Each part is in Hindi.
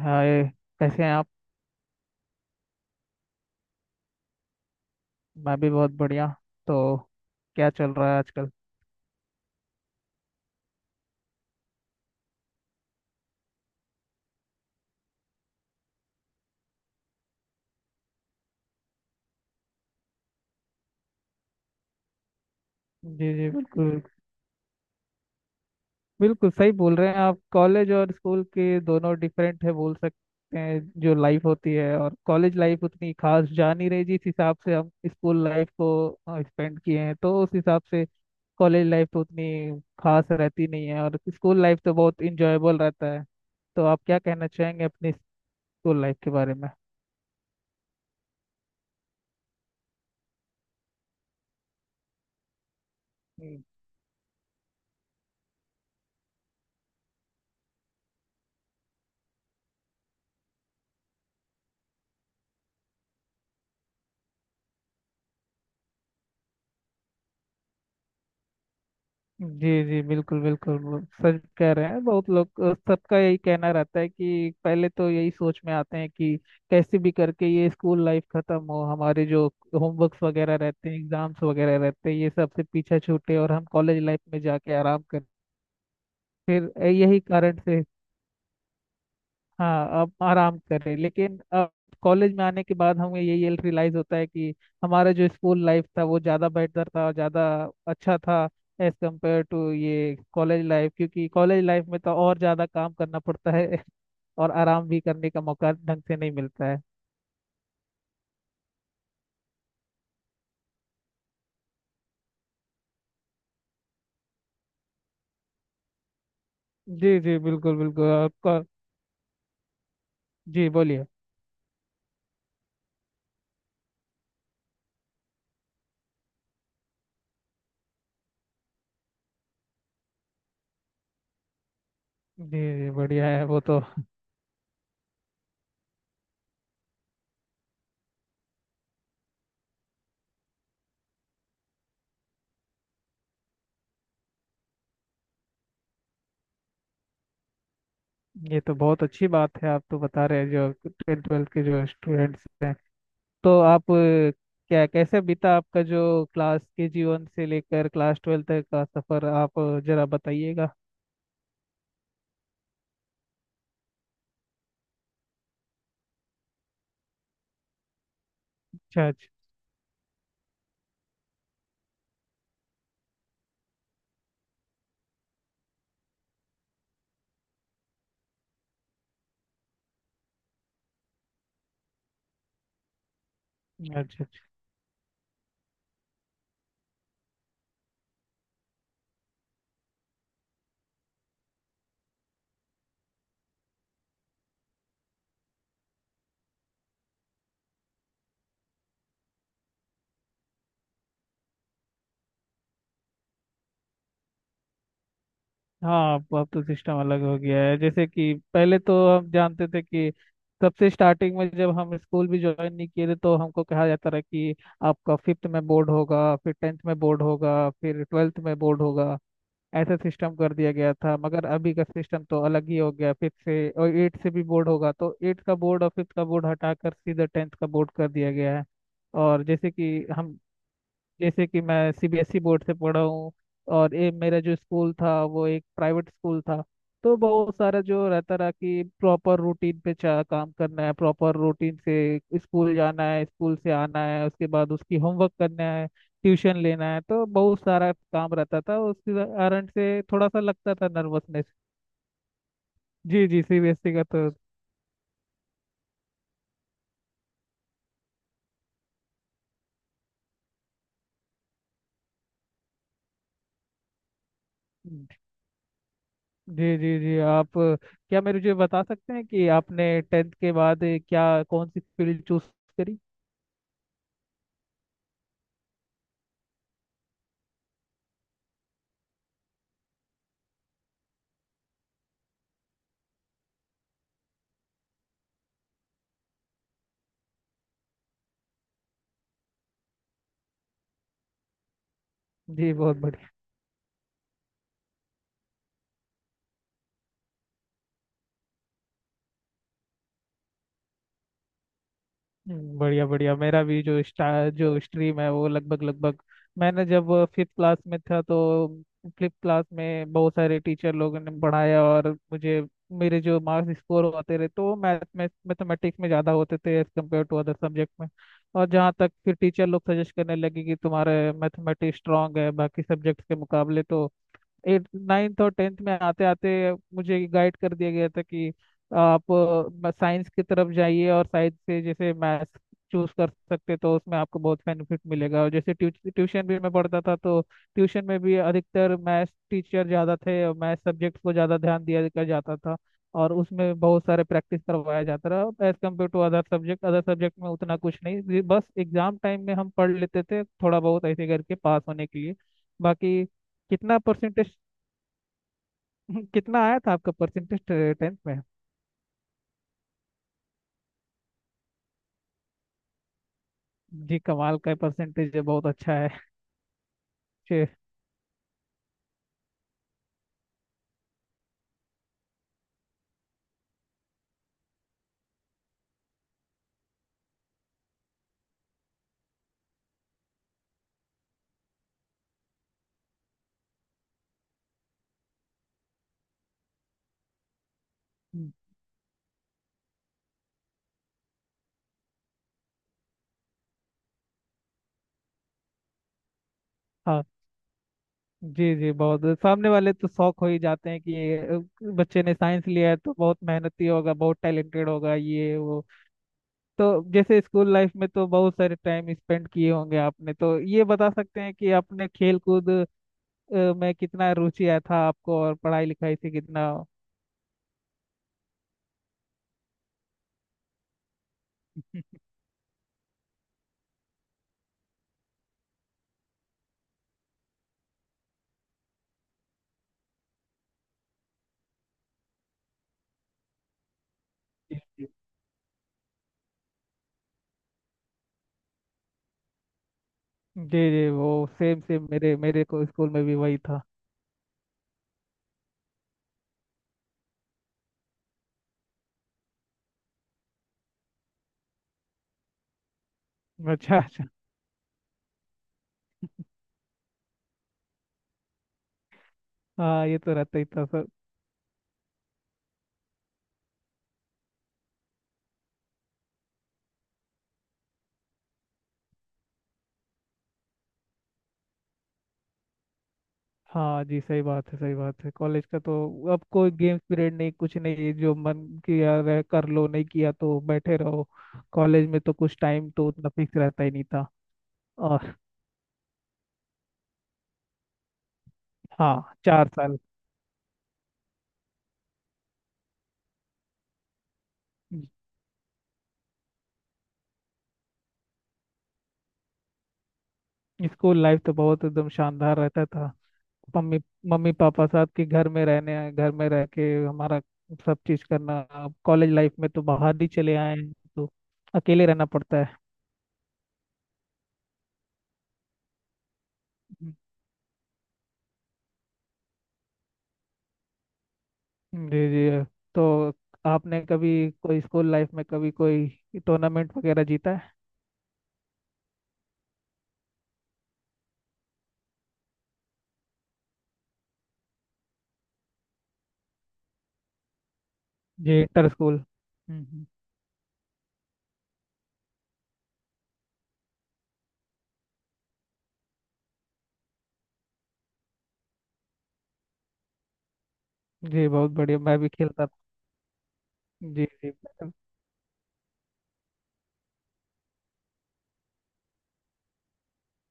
हाय, कैसे हैं आप? मैं भी बहुत बढ़िया। तो क्या चल रहा है आजकल? जी जी, बिल्कुल। बिल्कुल सही बोल रहे हैं आप। कॉलेज और स्कूल के दोनों डिफरेंट है, बोल सकते हैं जो लाइफ होती है, और कॉलेज लाइफ उतनी खास जा नहीं रही जिस हिसाब से हम स्कूल लाइफ को स्पेंड किए हैं। तो उस हिसाब से कॉलेज लाइफ तो उतनी खास रहती नहीं है, और स्कूल लाइफ तो बहुत इंजॉयबल रहता है। तो आप क्या कहना चाहेंगे अपनी स्कूल लाइफ के बारे में? जी जी, बिल्कुल बिल्कुल, वो सच कह रहे हैं। बहुत लोग, सबका यही कहना रहता है कि पहले तो यही सोच में आते हैं कि कैसे भी करके ये स्कूल लाइफ खत्म हो। हमारे जो होमवर्क्स वगैरह रहते हैं, एग्जाम्स वगैरह रहते हैं, ये सब से पीछा छूटे और हम कॉलेज लाइफ में जाके आराम करें। फिर यही कारण से, हाँ, अब आराम करें। लेकिन अब कॉलेज में आने के बाद हमें यही रियलाइज होता है कि हमारा जो स्कूल लाइफ था वो ज़्यादा बेहतर था और ज़्यादा अच्छा था एज कम्पेयर टू ये कॉलेज लाइफ, क्योंकि कॉलेज लाइफ में तो और ज़्यादा काम करना पड़ता है और आराम भी करने का मौका ढंग से नहीं मिलता है। जी जी, बिल्कुल बिल्कुल आपका। जी, बोलिए। जी जी, बढ़िया है वो तो। ये तो बहुत अच्छी बात है। आप तो बता रहे हैं जो टेंथ ट्वेल्थ के जो स्टूडेंट्स हैं। तो आप, क्या, कैसे बीता आपका जो क्लास के जीवन से लेकर क्लास ट्वेल्थ तक का सफर, आप जरा बताइएगा। अच्छा, अच्छा। अच्छा, अच्छा। हाँ, अब तो सिस्टम अलग हो गया है। जैसे कि पहले तो हम जानते थे कि सबसे स्टार्टिंग में जब हम स्कूल भी ज्वाइन नहीं किए थे, तो हमको कहा जाता रहा कि आपका फिफ्थ में बोर्ड होगा, फिर टेंथ में बोर्ड होगा, फिर ट्वेल्थ में बोर्ड होगा। ऐसा सिस्टम कर दिया गया था, मगर अभी का सिस्टम तो अलग ही हो गया। फिफ्थ से और एट से भी बोर्ड होगा, तो एट का बोर्ड और फिफ्थ का बोर्ड हटाकर सीधा टेंथ का बोर्ड कर दिया गया है। और जैसे कि मैं सीबीएसई बोर्ड से पढ़ा हूँ, और ये मेरा जो स्कूल था वो एक प्राइवेट स्कूल था। तो बहुत सारा जो रहता रहा कि प्रॉपर रूटीन पे चा काम करना है, प्रॉपर रूटीन से स्कूल जाना है, स्कूल से आना है, उसके बाद उसकी होमवर्क करना है, ट्यूशन लेना है। तो बहुत सारा काम रहता था, उसके कारण से थोड़ा सा लगता था नर्वसनेस। जी जी, सीबीएसई का तो। जी जी जी, आप, क्या मेरे मुझे बता सकते हैं कि आपने टेंथ के बाद क्या कौन सी फील्ड चूज करी? जी, बहुत बढ़िया। बढ़िया बढ़िया, मेरा भी जो स्टा जो स्ट्रीम है वो लगभग लगभग, मैंने जब फिफ्थ क्लास में था तो फिफ्थ क्लास में बहुत सारे टीचर लोगों ने पढ़ाया, और मुझे, मेरे जो मार्क्स स्कोर होते रहे तो वो मैथमेटिक्स में ज़्यादा होते थे as compared to other subject में। और जहाँ तक फिर टीचर लोग सजेस्ट करने लगे कि तुम्हारे मैथमेटिक्स स्ट्रांग है बाकी सब्जेक्ट्स के मुकाबले, तो एट, नाइन्थ और टेंथ में आते आते मुझे गाइड कर दिया गया था कि आप साइंस की तरफ जाइए, और साइंस से जैसे मैथ्स चूज कर सकते तो उसमें आपको बहुत बेनिफिट मिलेगा। और जैसे ट्यूशन भी मैं पढ़ता था, तो ट्यूशन में भी अधिकतर मैथ्स टीचर ज़्यादा थे और मैथ्स सब्जेक्ट को ज़्यादा ध्यान दिया दिया जाता था। और उसमें बहुत सारे प्रैक्टिस करवाया जाता रहा as compared to other subject. Other subject में उतना कुछ नहीं, ये बस एग्जाम टाइम में हम पढ़ लेते थे थोड़ा बहुत ऐसे करके पास होने के लिए, बाकी। कितना परसेंटेज कितना आया था आपका परसेंटेज टेंथ में? जी, कमाल का परसेंटेज है, बहुत अच्छा है। जी। हाँ, जी जी, बहुत सामने वाले तो शौक हो ही जाते हैं कि ये, बच्चे ने साइंस लिया है तो बहुत मेहनती होगा, बहुत टैलेंटेड होगा, ये वो। तो जैसे स्कूल लाइफ में तो बहुत सारे टाइम स्पेंड किए होंगे आपने, तो ये बता सकते हैं कि आपने खेल कूद में कितना रुचि आया था आपको, और पढ़ाई लिखाई से कितना? जी जी जी, जी, वो सेम सेम, मेरे मेरे को स्कूल में भी वही था। अच्छा, अच्छा। हाँ, ये तो रहता ही था, सर। हाँ जी, सही बात है, सही बात है। कॉलेज का तो अब कोई गेम्स पीरियड नहीं कुछ नहीं, जो मन किया रह कर लो, नहीं किया तो बैठे रहो। कॉलेज में तो कुछ टाइम तो उतना फिक्स रहता ही नहीं था। और हाँ, 4 साल, स्कूल लाइफ तो बहुत एकदम शानदार रहता था। मम्मी मम्मी पापा साथ के घर में रह के हमारा सब चीज करना। अब कॉलेज लाइफ में तो बाहर ही चले आए हैं, तो अकेले रहना पड़ता है। जी जी, तो आपने कभी कोई स्कूल लाइफ में कभी कोई टूर्नामेंट वगैरह जीता है? जी, इंटर स्कूल। हम्म हम्म। जी, बहुत बढ़िया। मैं भी खेलता था। जी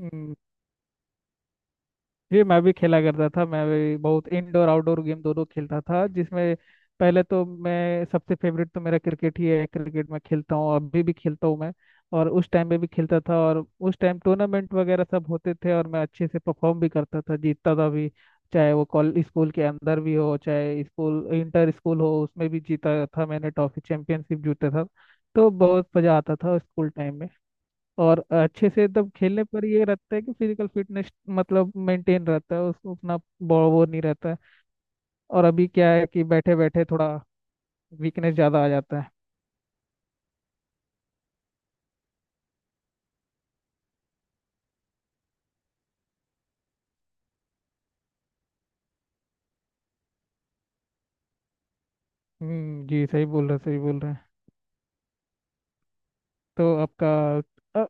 जी जी, मैं भी खेला करता था। मैं भी बहुत इंडोर आउटडोर गेम दोनों खेलता था, जिसमें पहले तो मैं, सबसे फेवरेट तो मेरा क्रिकेट ही है। क्रिकेट मैं खेलता हूँ, अभी भी खेलता हूँ मैं, और उस टाइम पे भी खेलता था। और उस टाइम टूर्नामेंट वगैरह सब होते थे, और मैं अच्छे से परफॉर्म भी करता था, जीतता था भी। चाहे वो कॉल स्कूल के अंदर भी हो, चाहे स्कूल, इंटर स्कूल हो, उसमें भी जीता था मैंने, ट्रॉफी, चैंपियनशिप जीता था। तो बहुत मजा आता था स्कूल टाइम में। और अच्छे से एकदम खेलने पर ये रहता है कि फिजिकल फिटनेस मतलब मेंटेन रहता है, उसको अपना वो नहीं रहता है। और अभी क्या है कि बैठे बैठे थोड़ा वीकनेस ज़्यादा आ जाता है। जी, सही बोल रहे हैं। तो आपका, अ,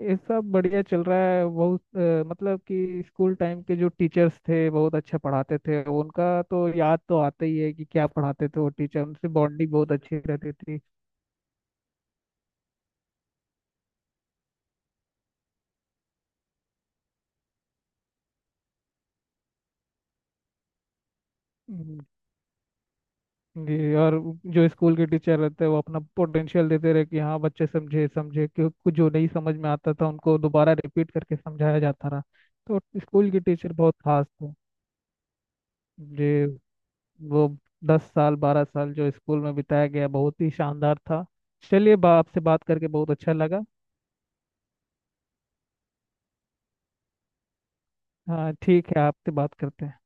ये सब बढ़िया चल रहा है। बहुत, मतलब कि स्कूल टाइम के जो टीचर्स थे बहुत अच्छा पढ़ाते थे, उनका तो याद तो आता ही है कि क्या पढ़ाते थे वो टीचर, उनसे बॉन्डिंग बहुत अच्छी रहती थी। जी, और जो स्कूल के टीचर रहते हैं वो अपना पोटेंशियल देते रहे कि हाँ बच्चे समझे, क्यों कुछ जो नहीं समझ में आता था उनको दोबारा रिपीट करके समझाया जाता रहा। तो स्कूल के टीचर बहुत खास थे। जी, वो 10 साल 12 साल जो स्कूल में बिताया गया बहुत ही शानदार था। चलिए, आपसे बात करके बहुत अच्छा लगा। हाँ, ठीक है, आपसे बात करते हैं।